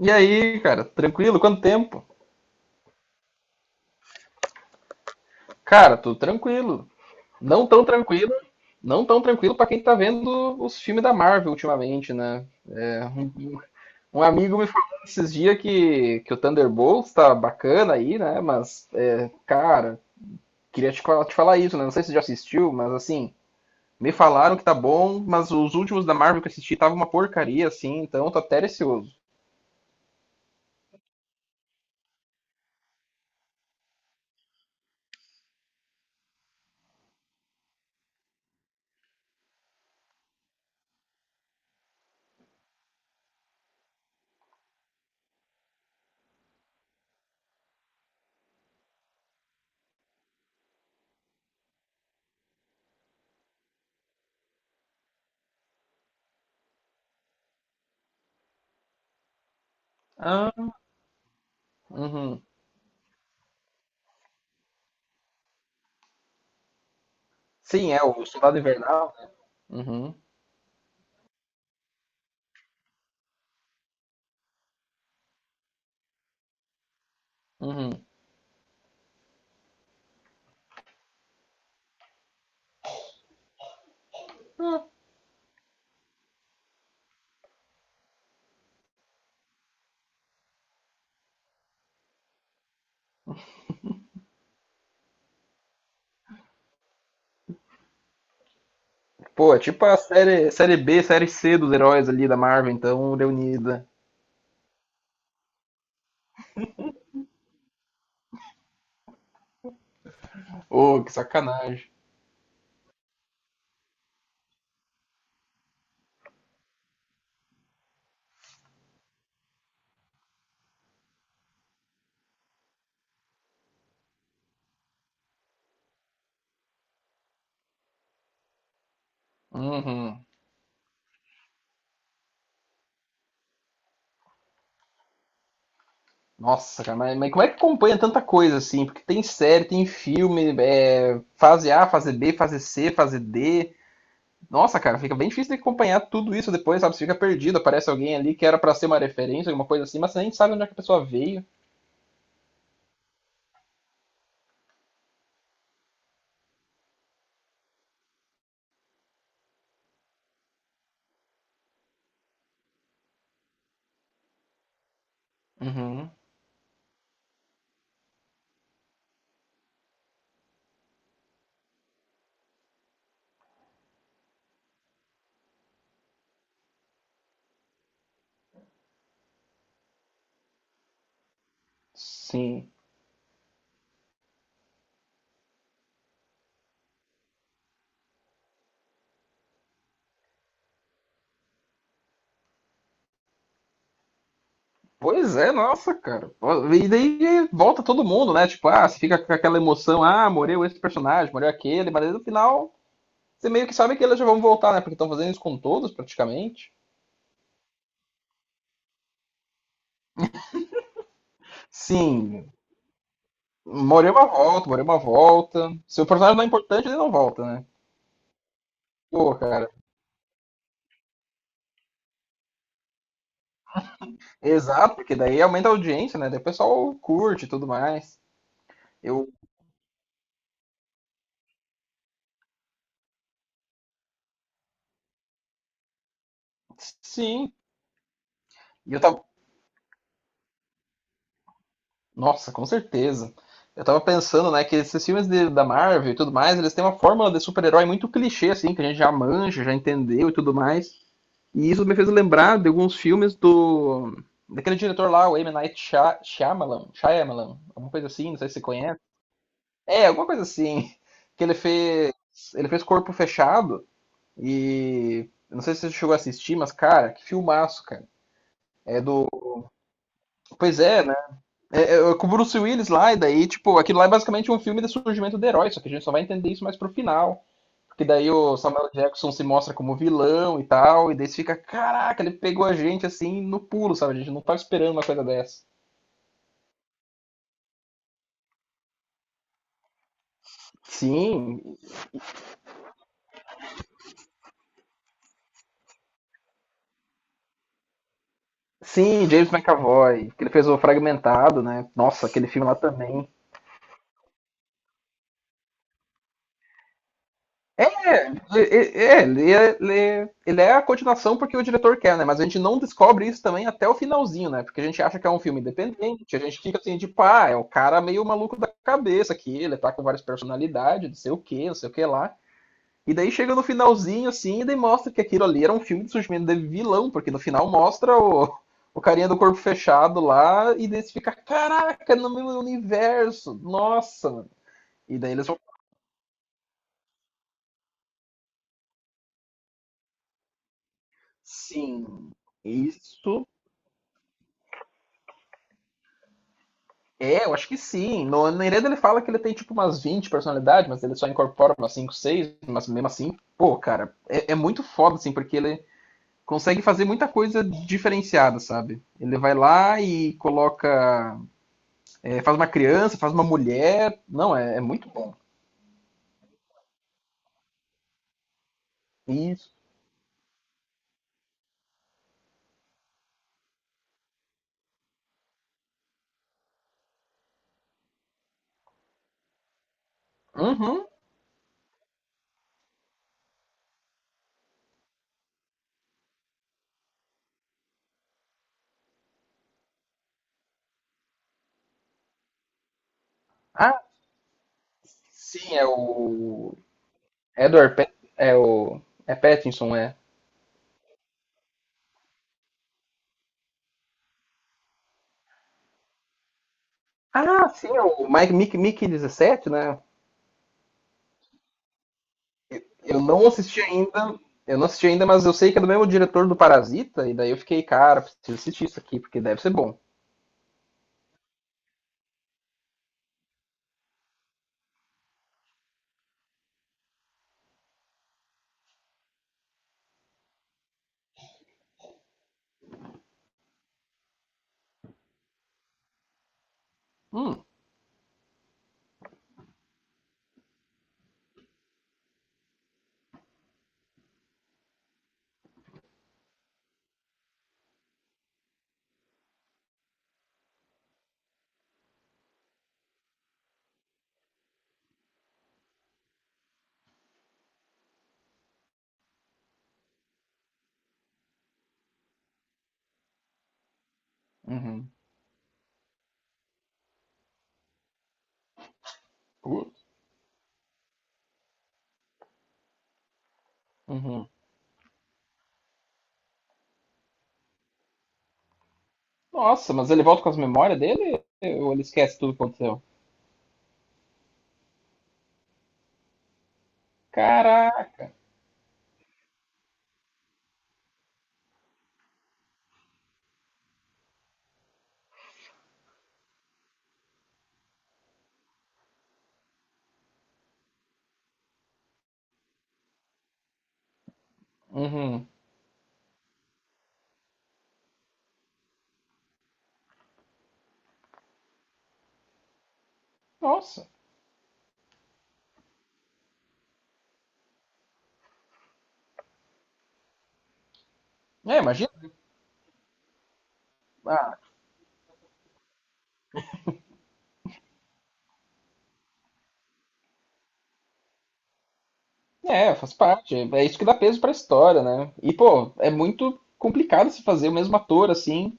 E aí, cara, tranquilo? Quanto tempo? Cara, tudo tranquilo. Não tão tranquilo, não tão tranquilo pra quem tá vendo os filmes da Marvel ultimamente, né? É, um, um amigo me falou esses dias que o Thunderbolts tá bacana aí, né? Mas, cara, queria te, te falar isso, né? Não sei se você já assistiu, mas assim, me falaram que tá bom, mas os últimos da Marvel que eu assisti tava uma porcaria, assim, então eu tô até receoso. Ah. Uhum. Sim, é, o Soldado Invernal, né? Uhum, uhum. Pô, é tipo a série, série B, série C dos heróis ali da Marvel, então, reunida. Ô, que sacanagem. Uhum. Nossa, cara, mas como é que acompanha tanta coisa assim? Porque tem série, tem filme, fase A, fase B, fase C, fase D. Nossa, cara, fica bem difícil de acompanhar tudo isso depois, sabe? Você fica perdido, aparece alguém ali que era pra ser uma referência, alguma coisa assim, mas você nem sabe onde é que a pessoa veio. Uhum. Sim. Pois é, nossa, cara. E daí volta todo mundo, né? Tipo, ah, você fica com aquela emoção, ah, morreu esse personagem, morreu aquele, mas aí no final você meio que sabe que eles já vão voltar, né? Porque estão fazendo isso com todos, praticamente. Sim, morreu uma volta, morreu uma volta. Se o personagem não é importante, ele não volta, né? Pô, cara. Exato, porque daí aumenta a audiência, né? Daí o pessoal curte e tudo mais. Eu. Sim. E eu tava. Nossa, com certeza. Eu tava pensando, né, que esses filmes da Marvel e tudo mais, eles têm uma fórmula de super-herói muito clichê, assim, que a gente já manja, já entendeu e tudo mais. E isso me fez lembrar de alguns filmes do daquele diretor lá, o M. Night Shyamalan, Shyamalan, alguma coisa assim, não sei se você conhece. É, alguma coisa assim, que ele fez Corpo Fechado e eu não sei se você chegou a assistir, mas, cara, que filmaço, cara. É do. Pois é. É, é, é com o Bruce Willis lá, e daí, tipo, aquilo lá é basicamente um filme do surgimento do herói, só que a gente só vai entender isso mais pro final. Porque daí o Samuel Jackson se mostra como vilão e tal, e daí você fica, caraca, ele pegou a gente assim no pulo, sabe? A gente não tava esperando uma coisa dessa. Sim, sim, James McAvoy, que ele fez o Fragmentado, né? Nossa, aquele filme lá também. É, é, ele é a continuação porque o diretor quer, né? Mas a gente não descobre isso também até o finalzinho, né? Porque a gente acha que é um filme independente, a gente fica assim, tipo, ah, é um cara meio maluco da cabeça aqui, ele tá com várias personalidades, não sei o quê, não sei o que lá. E daí chega no finalzinho, assim, e daí mostra que aquilo ali era um filme de surgimento de vilão, porque no final mostra o carinha do corpo fechado lá, e daí você fica, caraca, no meu universo, nossa, mano. E daí eles vão. Sim, isso. É, eu acho que sim. No, na Ireda ele fala que ele tem tipo umas 20 personalidades, mas ele só incorpora umas 5, 6. Mas mesmo assim, pô, cara, é muito foda, assim, porque ele consegue fazer muita coisa diferenciada, sabe? Ele vai lá e coloca. É, faz uma criança, faz uma mulher. Não, é muito bom. Isso. Uhum. Ah, sim, é o. Edward Pat. É o. É Pattinson, é. Ah, sim, é o Mike Mickey, Mickey 17, né? Eu não assisti ainda. Eu não assisti ainda, mas eu sei que é do mesmo diretor do Parasita, e daí eu fiquei, cara, preciso assistir isso aqui, porque deve ser bom. Hum, uhum, uhum. Nossa, mas ele volta com as memórias dele ou ele esquece tudo que aconteceu? Caraca, uhum. Nossa. É, imagina. Ah, é, faz parte. É isso que dá peso pra história, né? E, pô, é muito complicado se fazer o mesmo ator, assim,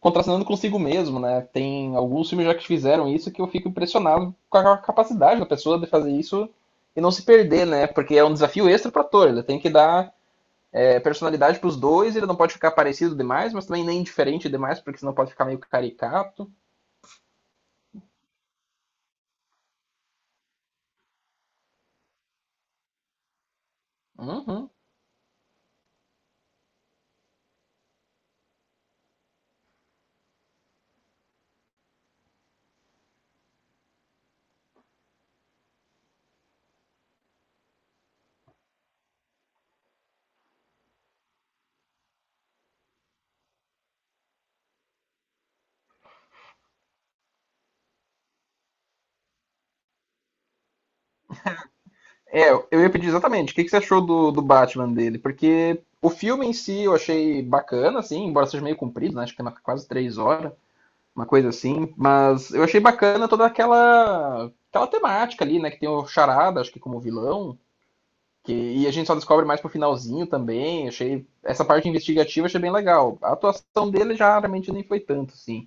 contracenando consigo mesmo, né? Tem alguns filmes já que fizeram isso que eu fico impressionado com a capacidade da pessoa de fazer isso e não se perder, né? Porque é um desafio extra para ator. Ele tem que dar personalidade para os dois. Ele não pode ficar parecido demais, mas também nem diferente demais, porque senão pode ficar meio caricato. Uhum. É, eu ia pedir exatamente. Que você achou do Batman dele? Porque o filme em si eu achei bacana, assim, embora seja meio comprido, né? Acho que tem quase 3 horas. Uma coisa assim. Mas eu achei bacana toda aquela temática ali, né? Que tem o Charada, acho que como vilão. Que, e a gente só descobre mais pro finalzinho também. Achei essa parte investigativa achei bem legal. A atuação dele já realmente nem foi tanto, sim.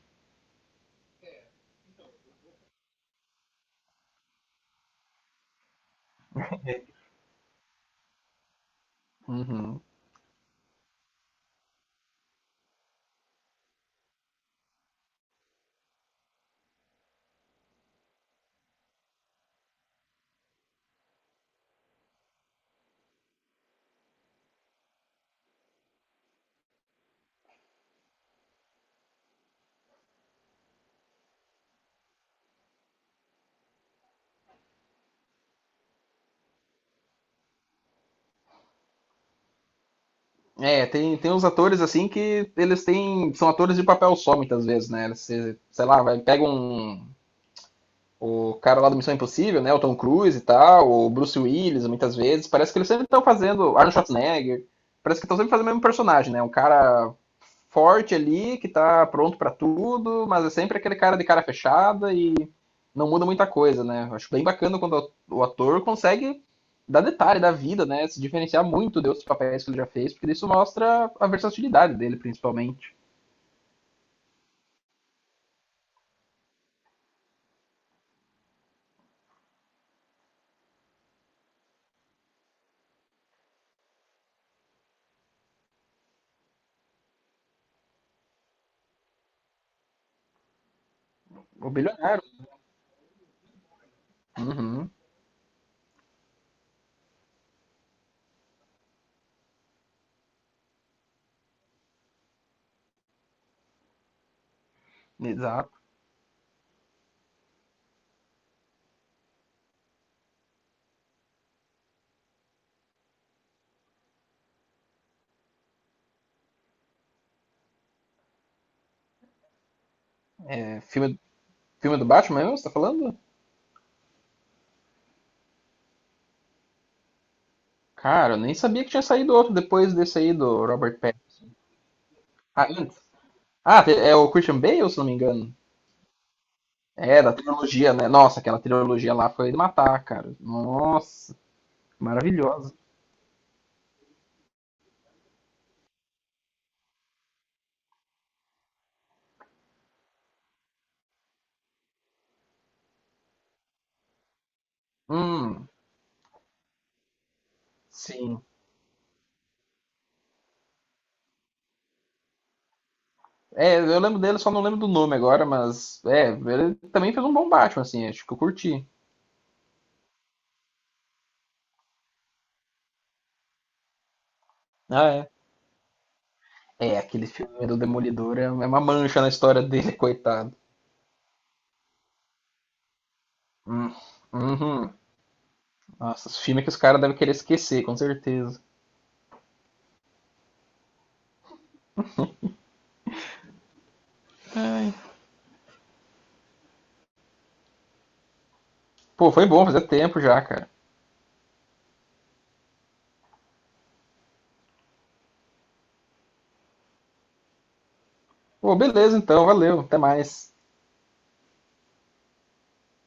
Uhum. É, tem uns atores assim que eles têm. São atores de papel só muitas vezes, né? Você, sei lá, vai, pega um, o cara lá do Missão Impossível, né? O Tom Cruise e tal, o Bruce Willis, muitas vezes. Parece que eles sempre estão fazendo. Arnold Schwarzenegger. Parece que estão sempre fazendo o mesmo personagem, né? Um cara forte ali, que tá pronto para tudo, mas é sempre aquele cara de cara fechada e não muda muita coisa, né? Acho bem bacana quando o ator consegue dar detalhe da vida, né? Se diferenciar muito de outros papéis que ele já fez, porque isso mostra a versatilidade dele, principalmente. O bilionário. Uhum, exato. É, filme do Batman mesmo, você tá falando? Cara, eu nem sabia que tinha saído outro depois desse aí do Robert Pattinson. Ah, antes. Ah, é o Christian Bale, se não me engano. É, da trilogia, né? Nossa, aquela trilogia lá foi de matar, cara. Nossa, maravilhosa. Hum, sim. É, eu lembro dele, só não lembro do nome agora, mas é, ele também fez um bom Batman, assim, acho que eu curti. Ah, é. É, aquele filme do Demolidor é uma mancha na história dele, coitado. Hum, uhum. Nossa, esse filme é que os caras devem querer esquecer, com certeza. Ai. Pô, foi bom, fazia tempo já, cara. Pô, beleza então, valeu, até mais.